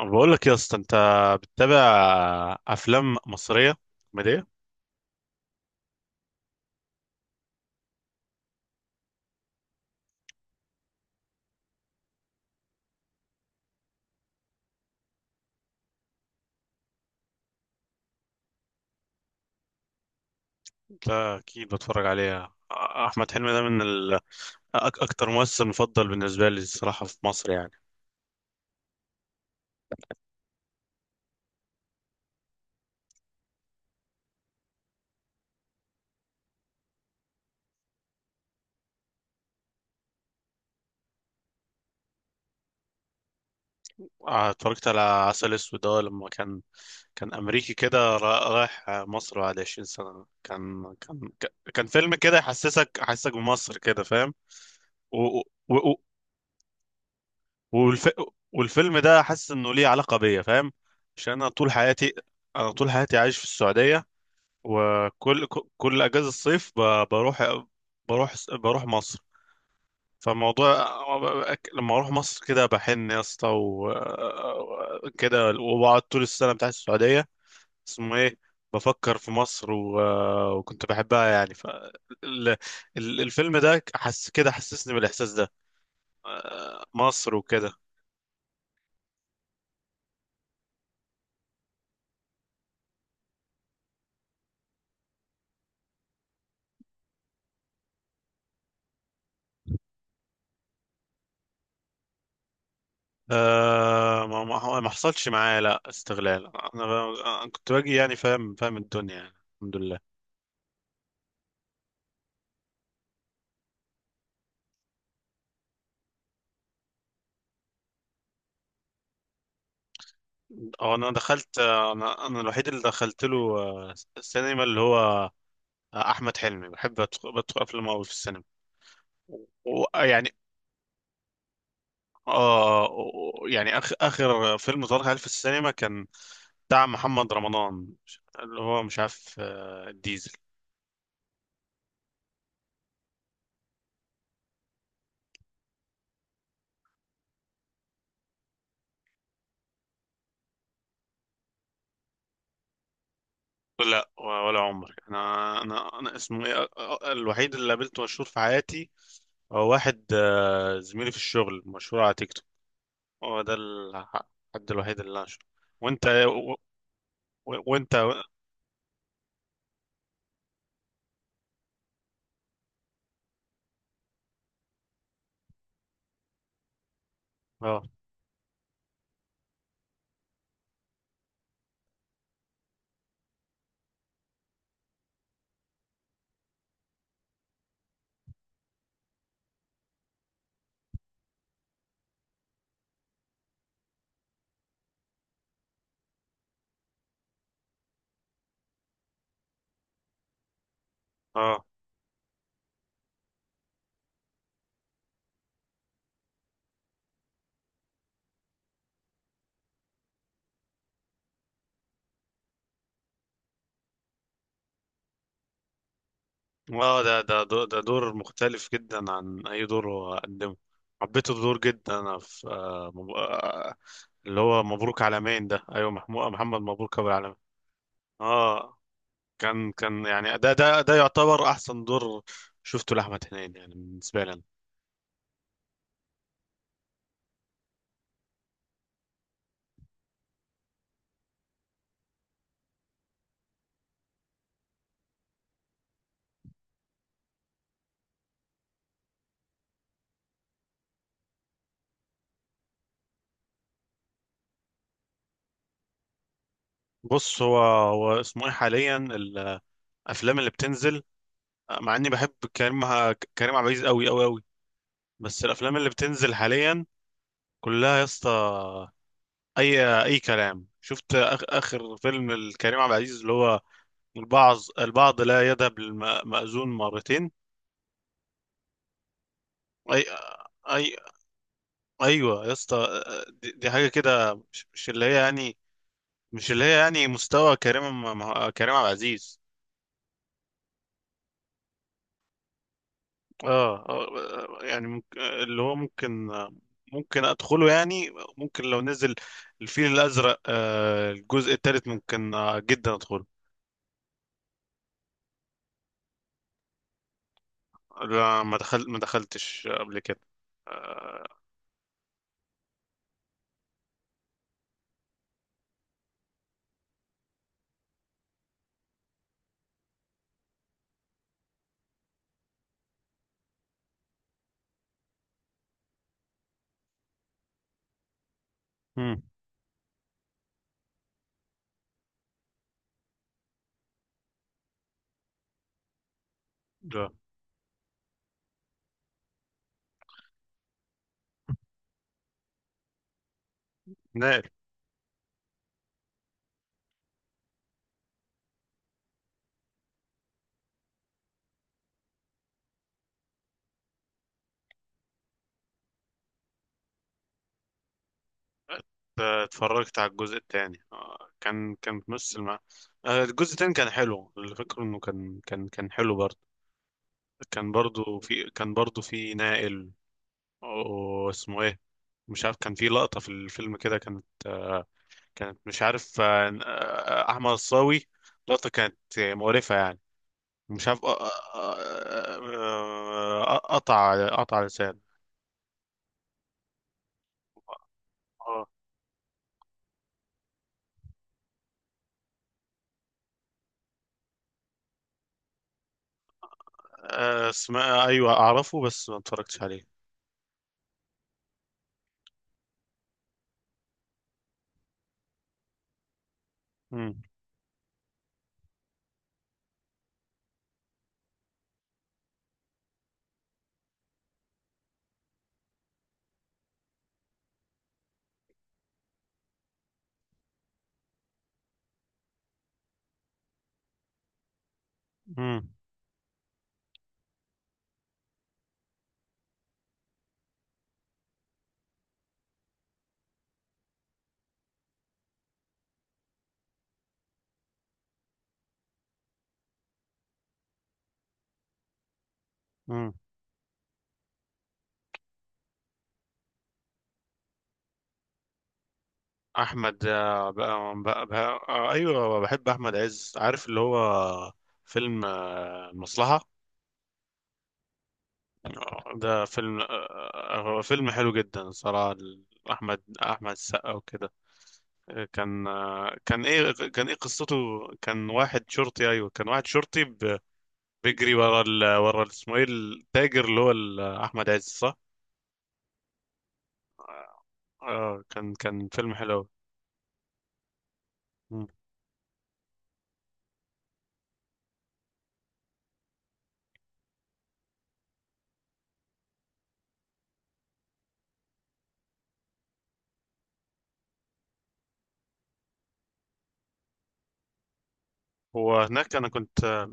أنا بقول لك يا اسطى، انت بتتابع افلام مصريه كوميديه؟ لا، اكيد بتفرج عليها. احمد حلمي ده أك- اكتر ممثل مفضل بالنسبه لي الصراحه في مصر يعني. اتفرجت على عسل اسود ده لما كان امريكي كده، رايح مصر بعد 20 سنه. كان فيلم كده يحسسك بمصر كده، فاهم. و... و... و... والف... والفيلم ده حاسس انه ليه علاقه بيا، فاهم. عشان انا طول حياتي عايش في السعوديه، وكل كل اجازه الصيف بروح مصر. فالموضوع لما اروح مصر كده بحن يا اسطى كده، وبقعد طول السنه بتاعت السعوديه، اسمه ايه، بفكر في مصر، وكنت بحبها يعني. ال... الفيلم ده حس كده، حسسني بالاحساس ده، مصر وكده. أه، ما حصلش معايا لا استغلال، انا. أنا كنت باجي يعني، فاهم، فاهم الدنيا يعني، الحمد لله. اه، انا الوحيد اللي دخلت له، السينما اللي هو، احمد حلمي بحب بدخل افلامه قوي في السينما. ويعني، يعني اخر فيلم ظهر هل في السينما كان بتاع محمد رمضان، اللي هو مش عارف، الديزل. لا، ولا عمر. انا اسمه ايه، الوحيد اللي قابلته مشهور في حياتي هو واحد، زميلي في الشغل، مشهور على تيك توك. هو ده الحد الوحيد اللي انا شفته. وانت؟ وانت، اه. اه، اه، ده دور مختلف جدا عن اي دور هو قدمه. حبيت الدور جدا، انا، في آه مب... آه اللي هو مبروك عالمين ده. ايوه، محمد مبروك ابو العالمين. اه، كان يعني ده يعتبر احسن دور شفته لاحمد هنيدي يعني بالنسبه لي أنا. بص، هو اسمه ايه، حاليا الافلام اللي بتنزل، مع اني بحب كريم عبد العزيز قوي قوي قوي، بس الافلام اللي بتنزل حاليا كلها يا اسطى اي كلام. شفت اخر فيلم الكريم عبد العزيز اللي هو البعض لا يذهب للمأذون مرتين؟ اي اي ايوه يا اسطى، دي حاجه كده، مش اللي هي يعني، مش اللي هي يعني مستوى كريم عبد العزيز. اه، يعني ممكن، اللي هو ممكن، ادخله يعني. ممكن لو نزل الفيل الازرق، الجزء الثالث، ممكن جدا ادخله. لا، ما دخلتش قبل كده. آه، لا نقل آه، اتفرجت على الجزء الثاني. كان بنفس الم... آه، الجزء الثاني كان حلو. اللي فاكره انه كان حلو برضه، كان برضه في نائل، واسمه ايه، مش عارف. كان في لقطة في الفيلم كده، كانت، كانت مش عارف، احمد الصاوي، لقطة كانت مقرفة يعني. مش عارف، قطع، لسان. اه، اسمها ايوه، اعرفه بس ما اتفرجتش عليه. مم. مم. مم. احمد، بقى، ايوه، بحب احمد عز. عارف اللي هو فيلم، المصلحه؟ ده فيلم، هو فيلم حلو جدا صراحه. احمد السقا وكده. كان، كان ايه، قصته؟ كان واحد شرطي، ايوه، كان واحد شرطي بيجري ورا ورا اسمه ايه، التاجر، اللي هو احمد عز، صح؟ كان فيلم حلو أوي. مم. وهناك انا كنت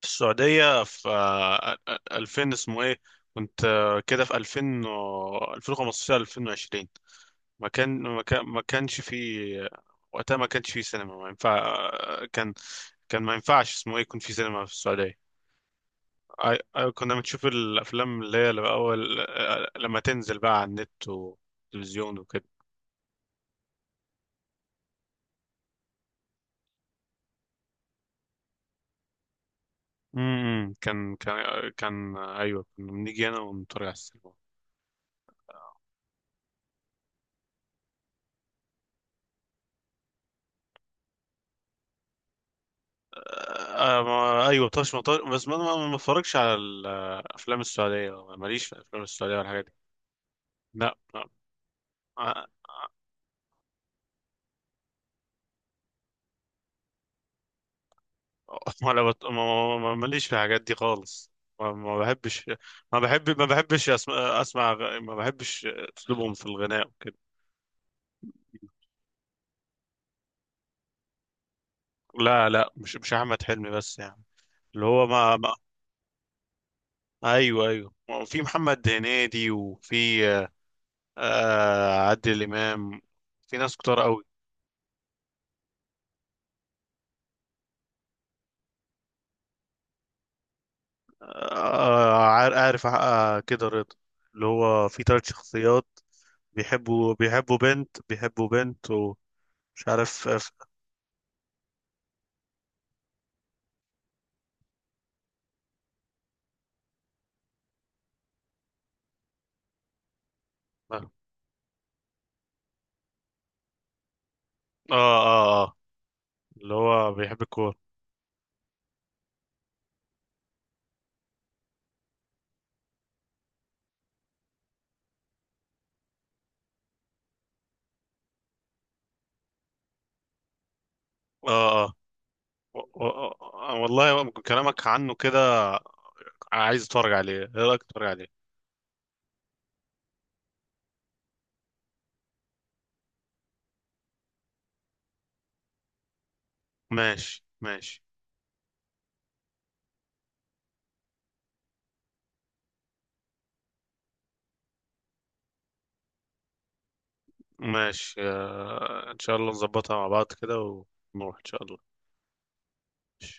في السعودية في 2000، اسمه ايه. كنت كده في 2000 2015 2020. ما كانش في وقتها، ما كانش في سينما، ما ينفع. آه، كان كان ما ينفعش اسمه ايه يكون في سينما في السعودية. كنا بنشوف الافلام اللي هي الاول، لما تنزل بقى على النت والتلفزيون وكده. كان، كان، ايوه، كنا بنيجي هنا ونتفرج على السينما. آه، ما، ايوه، طرش مطار. بس ما بتفرجش على الافلام السعوديه، ماليش في الافلام السعوديه والحاجات دي. لا، لا. آه، ما ماليش في الحاجات دي خالص. ما بحبش. ما بحبش اسمع، ما بحبش اسلوبهم في الغناء وكده. لا، لا، مش احمد حلمي بس يعني. اللي هو ما, ما... ايوه، ايوه. في محمد هنيدي، وفي عادل امام، في ناس كتار قوي. عارف كده رضا، اللي هو في ثلاث شخصيات، بيحبوا بنت، ومش عارف. اه. اه. اه آه، اللي هو بيحب الكورة. اه، اه، و- و- والله كلامك عنه كده، عايز اتفرج عليه. ايه رأيك، اتفرج عليه؟ ماشي، ماشي. ماشي، ان شاء الله نظبطها مع بعض كده، ونروح ان شاء الله. ماشي.